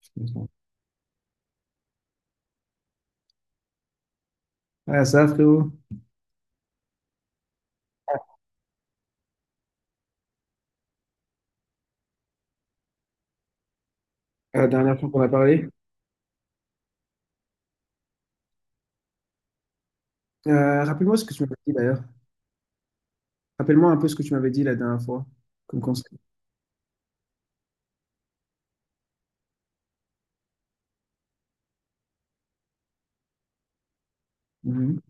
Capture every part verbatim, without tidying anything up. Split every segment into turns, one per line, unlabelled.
Excuse-moi. Ah, ça, frérot. Euh, la dernière fois qu'on a parlé. Euh, rappelle-moi ce que tu m'avais dit d'ailleurs. Rappelle-moi un peu ce que tu m'avais dit la dernière fois, comme conseil. Mhm.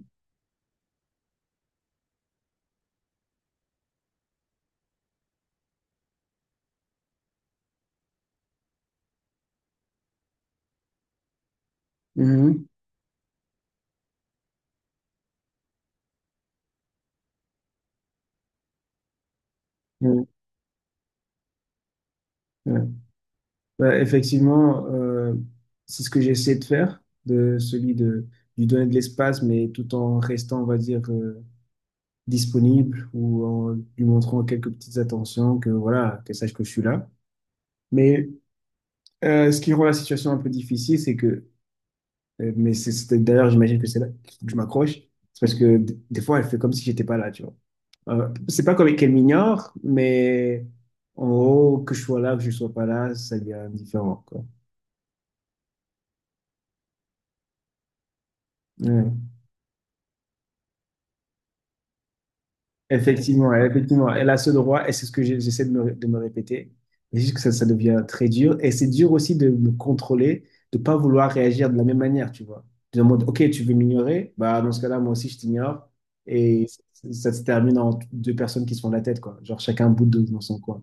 Mhm. Ouais, ouais. Bah, effectivement, euh, c'est ce que j'ai essayé de faire, de celui de lui donner de l'espace, mais tout en restant, on va dire, euh, disponible ou en lui montrant quelques petites attentions, que voilà, qu'elle sache que je suis là. Mais euh, ce qui rend la situation un peu difficile, c'est que Euh, Mais c'est c'est- d'ailleurs, j'imagine que c'est là que je m'accroche. C'est parce que d- des fois, elle fait comme si j'étais pas là, tu vois. Euh, c'est pas comme qu'elle m'ignore, mais en gros, que je sois là, que je sois pas là, ça devient indifférent, quoi. Ouais. Effectivement, elle- effectivement, elle a ce droit et c'est ce que j'ai- j'essaie de me, de me répéter. Mais juste que ça, ça devient très dur et c'est dur aussi de me contrôler, de pas vouloir réagir de la même manière, tu vois. De mode, ok, tu veux m'ignorer, bah dans ce cas-là, moi aussi je t'ignore et ça, ça se termine en deux personnes qui se font la tête, quoi. Genre chacun bout de dans son coin.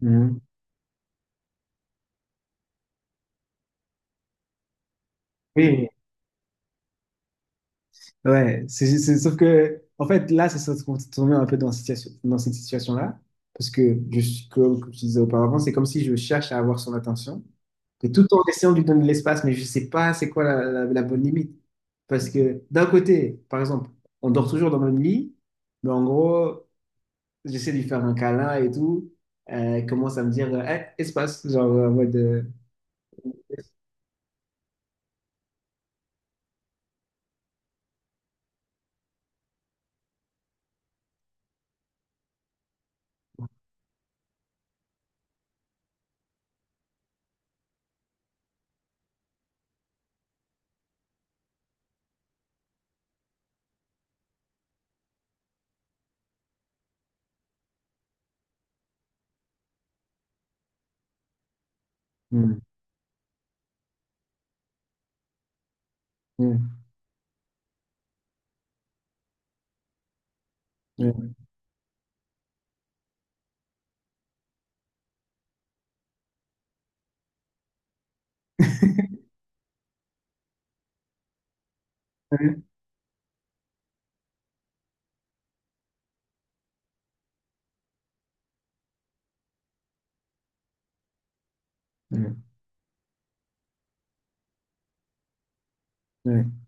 Mhm. Oui, ouais, c'est, c'est- sauf que en fait là, c'est ça qu'on se met un peu dans, cette situation- dans cette situation-là parce que je suis, comme comme je disais auparavant, c'est comme si je cherche à avoir son attention. Et tout en essayant de lui donner de l'espace, mais je ne sais pas c'est quoi la, la- la bonne limite. Parce que d'un côté, par exemple, on dort toujours dans le même lit, mais en gros, j'essaie de lui faire un câlin et tout. euh, Elle commence à me dire euh, Hey, espace, genre euh, en mode. euh, Hmm, hmm, hmm, hmm, hmm,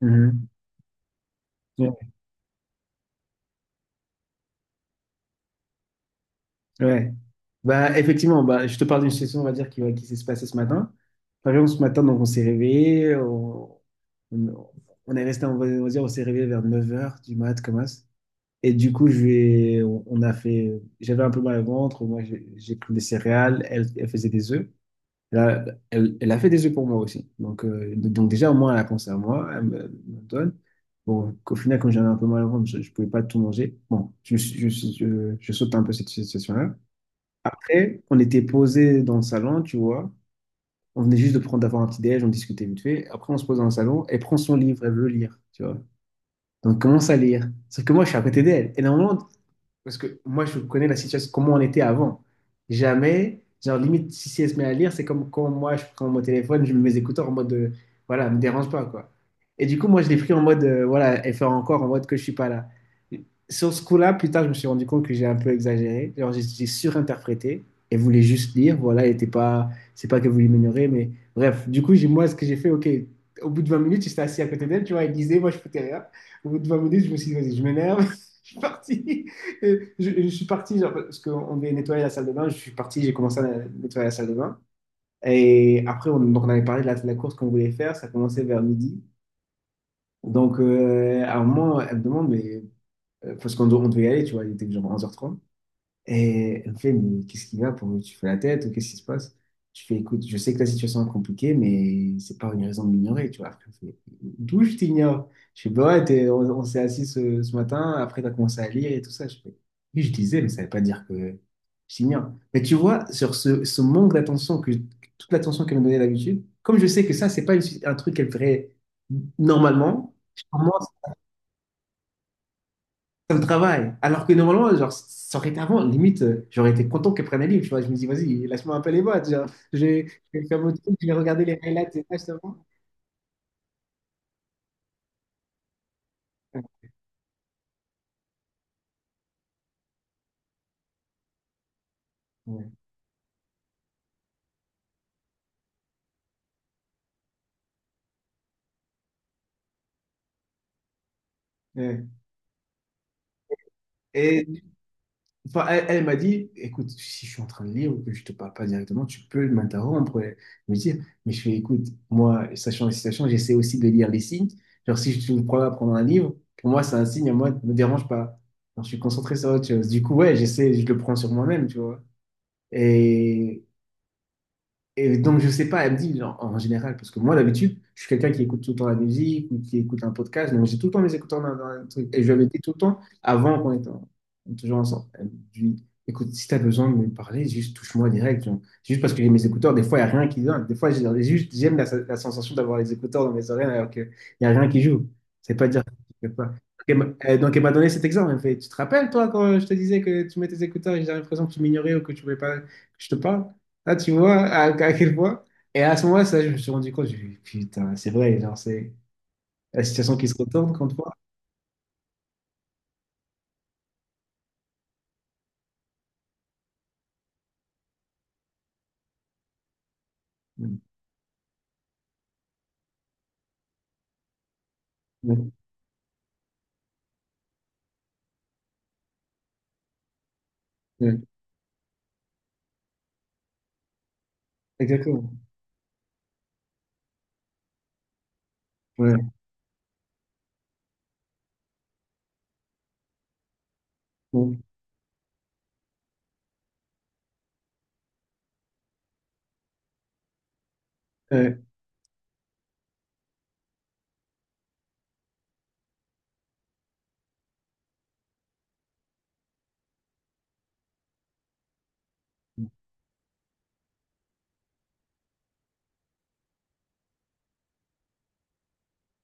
hmm, hmm. Hmm. Ouais. Bah, effectivement, bah, je te parle d'une situation, on va dire, qui, va- qui s'est passée ce matin. Par exemple, ce matin, donc, on s'est réveillé, on, on, on est resté, on va, on va dire, on s'est réveillé vers neuf heures du mat, comme ça. Et du coup, je vais, on, on a fait, j'avais un peu mal au ventre, moi, j'ai j'ai pris des céréales, elle, elle faisait des œufs. Là, elle, elle a fait des œufs pour moi aussi. Donc, euh, donc déjà, au moins, elle a pensé à moi, elle me, me donne. Bon, qu'au final, quand j'avais un peu mal au ventre, je ne pouvais pas tout manger. Bon, je, je, je, je saute un peu cette situation-là. Après, on était posé dans le salon, tu vois. On venait juste de prendre d'avoir un petit déj, on discutait vite fait. Après, on se pose dans le salon, elle prend son livre, elle veut lire, tu vois. Donc, on commence à lire. Sauf que moi, je suis à côté d'elle. Et normalement, parce que moi, je connais la situation, comment on était avant. Jamais, genre limite, si si elle se met à lire, c'est comme quand moi, je prends mon téléphone, je mets mes écouteurs en mode, euh, voilà, me dérange pas, quoi. Et du coup, moi, je l'ai pris en mode, euh, voilà, elle fait encore en mode que je suis pas là. Sur ce coup-là, plus tard, je me suis rendu compte que j'ai un peu exagéré. Genre, j'ai j'ai surinterprété. Elle voulait juste lire, voilà, elle était pas, c'est pas qu'elle voulait m'ignorer, mais bref. Du coup, j'ai, moi, ce que j'ai fait, ok, au bout de vingt minutes, j'étais assis à côté d'elle, tu vois, elle lisait, moi, je foutais rien. Au bout de vingt minutes, je me suis dit, vas-y, je m'énerve, je suis parti. Et je, je suis parti, genre, parce qu'on devait nettoyer la salle de bain, je suis parti, j'ai commencé à nettoyer la salle de bain. Et après, on, donc on avait parlé de la, de la course qu'on voulait faire, ça commençait vers midi. Donc, euh, à un moment, elle me demande, mais euh, parce qu'on do- on devait y aller, tu vois, il était genre onze heures trente. Et elle me fait, mais qu'est-ce qu'il y a pour tu fais la tête ou qu'est-ce qui se passe? Je fais, écoute, je sais que la situation est compliquée, mais c'est pas une raison de m'ignorer, tu vois. Après, elle me fait, d'où je t'ignore? Je fais, bah ouais, t'es- on, on s'est assis ce, ce matin, après t'as commencé à lire et tout ça. Je fais, oui, je disais, mais ça veut pas dire que je t'ignore. Mais tu vois, sur ce, ce manque d'attention, que, toute l'attention qu'elle me donnait d'habitude, comme je sais que ça, c'est pas une- un truc qu'elle ferait normalement, ça me travaille. Alors que normalement, genre, ça aurait été avant, limite, euh, j'aurais été content qu'elle prenne un livre, tu vois. Je me dis, vas-y, lâche-moi un peu les boîtes, genre, je vais, je vais faire mon truc, je vais regarder les highlights et ça, justement. Ouais, ouais. Ouais. Et enfin, elle, elle m'a dit, écoute, si je suis en train de lire ou que je te parle pas directement, tu peux m'interrompre et me dire, mais je fais, écoute, moi, sachant les situations, j'essaie aussi de lire les signes. Genre, si je te prends à prendre un livre, pour moi, c'est un signe, à moi, ne me dérange pas. Genre, je suis concentré sur autre chose. Du coup, ouais, j'essaie, je le prends sur moi-même, tu vois. Et Et donc, je sais pas, elle me dit, genre, en général, parce que moi, d'habitude, je suis quelqu'un qui écoute tout le temps la musique ou qui écoute un podcast, donc j'ai tout le temps mes écouteurs dans, dans un truc. Et je lui avais dit tout le temps, avant qu'on était en- toujours ensemble, elle me dit, écoute, si tu as besoin de me parler, juste touche-moi direct. Genre. Juste parce que j'ai mes écouteurs, des fois, il n'y a rien qui vient. Des fois, j'ai- j'ai juste, j'aime la, la sensation d'avoir les écouteurs dans mes oreilles alors qu'il n'y a rien qui joue. C'est pas dire que je fais pas. Donc, elle m'a euh, donc, elle m'a donné cet exemple. Elle me fait, tu te rappelles, toi, quand je te disais que tu mets tes écouteurs et j'ai l'impression que tu m'ignorais ou que tu ne voulais pas que je te parle? Là, tu vois à, à quel point. Et à ce moment-là, ça, je me suis rendu compte, j'ai dit, putain, c'est vrai, genre, c'est la situation qui se retourne contre moi. Ouais, ouais, ouais. Exactement. Ouais. Ouais,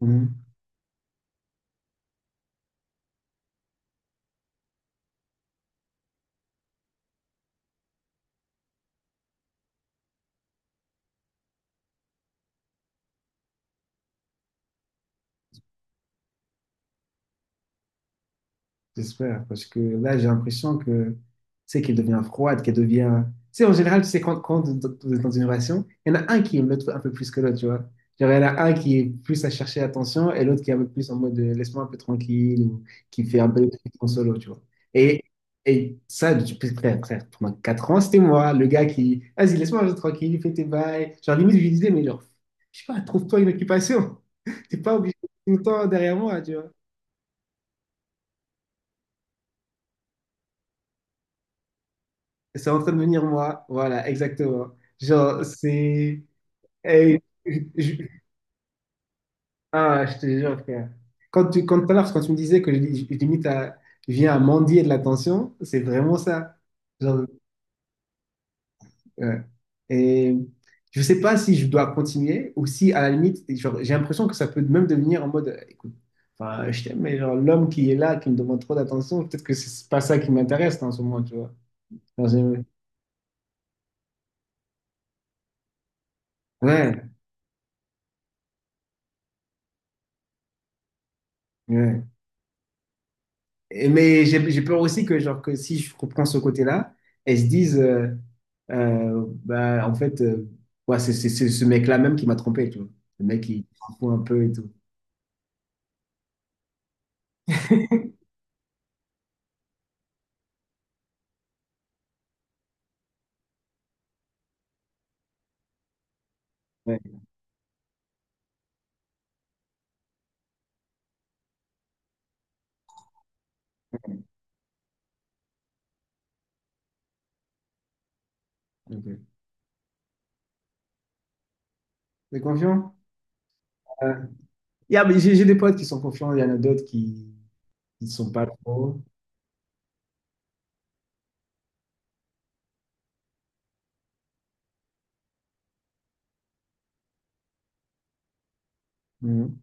ouais. J'espère, parce que là, j'ai l'impression que, tu sais, qu'elle devient froide, qu'elle devient. Tu sais, en général, tu sais, quand, quand vous êtes dans une relation, il y en a un qui aime l'autre un peu plus que l'autre, tu vois. Genre, il y en a un qui est plus à chercher l'attention et l'autre qui est un peu plus en mode euh, laisse-moi un peu tranquille ou qui fait un peu le truc en solo, tu vois. Et, et ça, depuis très, très, pendant quatre ans, c'était moi, le gars qui, vas-y, laisse-moi un peu tranquille, fais tes bails. Genre, limite, je lui disais, mais genre, je sais pas, trouve-toi une occupation. T'es pas obligé tout le temps derrière moi, tu vois. C'est en train de devenir moi. Voilà, exactement. Genre, c'est. Eh, je- je- Ah, je te jure, frère. Quand tu, quand, tout à l'heure, quand tu me disais que je, je- je limite à, je viens à mendier de l'attention, c'est vraiment ça. Genre, ouais. Et je sais pas si je dois continuer ou si, à la limite, genre, j'ai l'impression que ça peut même devenir en mode, euh, écoute, enfin, je t'aime, mais genre, l'homme qui est là, qui me demande trop d'attention, peut-être que c'est pas ça qui m'intéresse en ce moment, tu vois. Genre, j'ai- ouais, ouais. Et- Mais j'ai j'ai peur aussi que, genre, que si je comprends ce côté-là, elles se disent, euh, euh, bah, en fait, euh, ouais, c'est c'est- c'est ce mec-là même qui m'a trompé, tu vois. Le mec qui s'en fout un peu et tout. Ouais, ok. T'es confiant? Euh, y a- mais j'ai j'ai des potes qui sont confiants, il y en a d'autres qui ne sont pas trop. Mhm.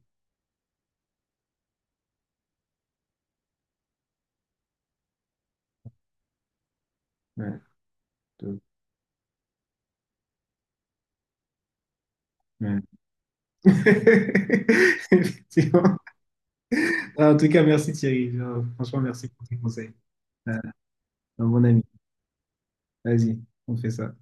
Ouais, donc, ouais. Effectivement. En tout cas, merci Thierry. Genre, franchement, merci pour tes conseils. Euh, un bon ami. Vas-y, on fait ça.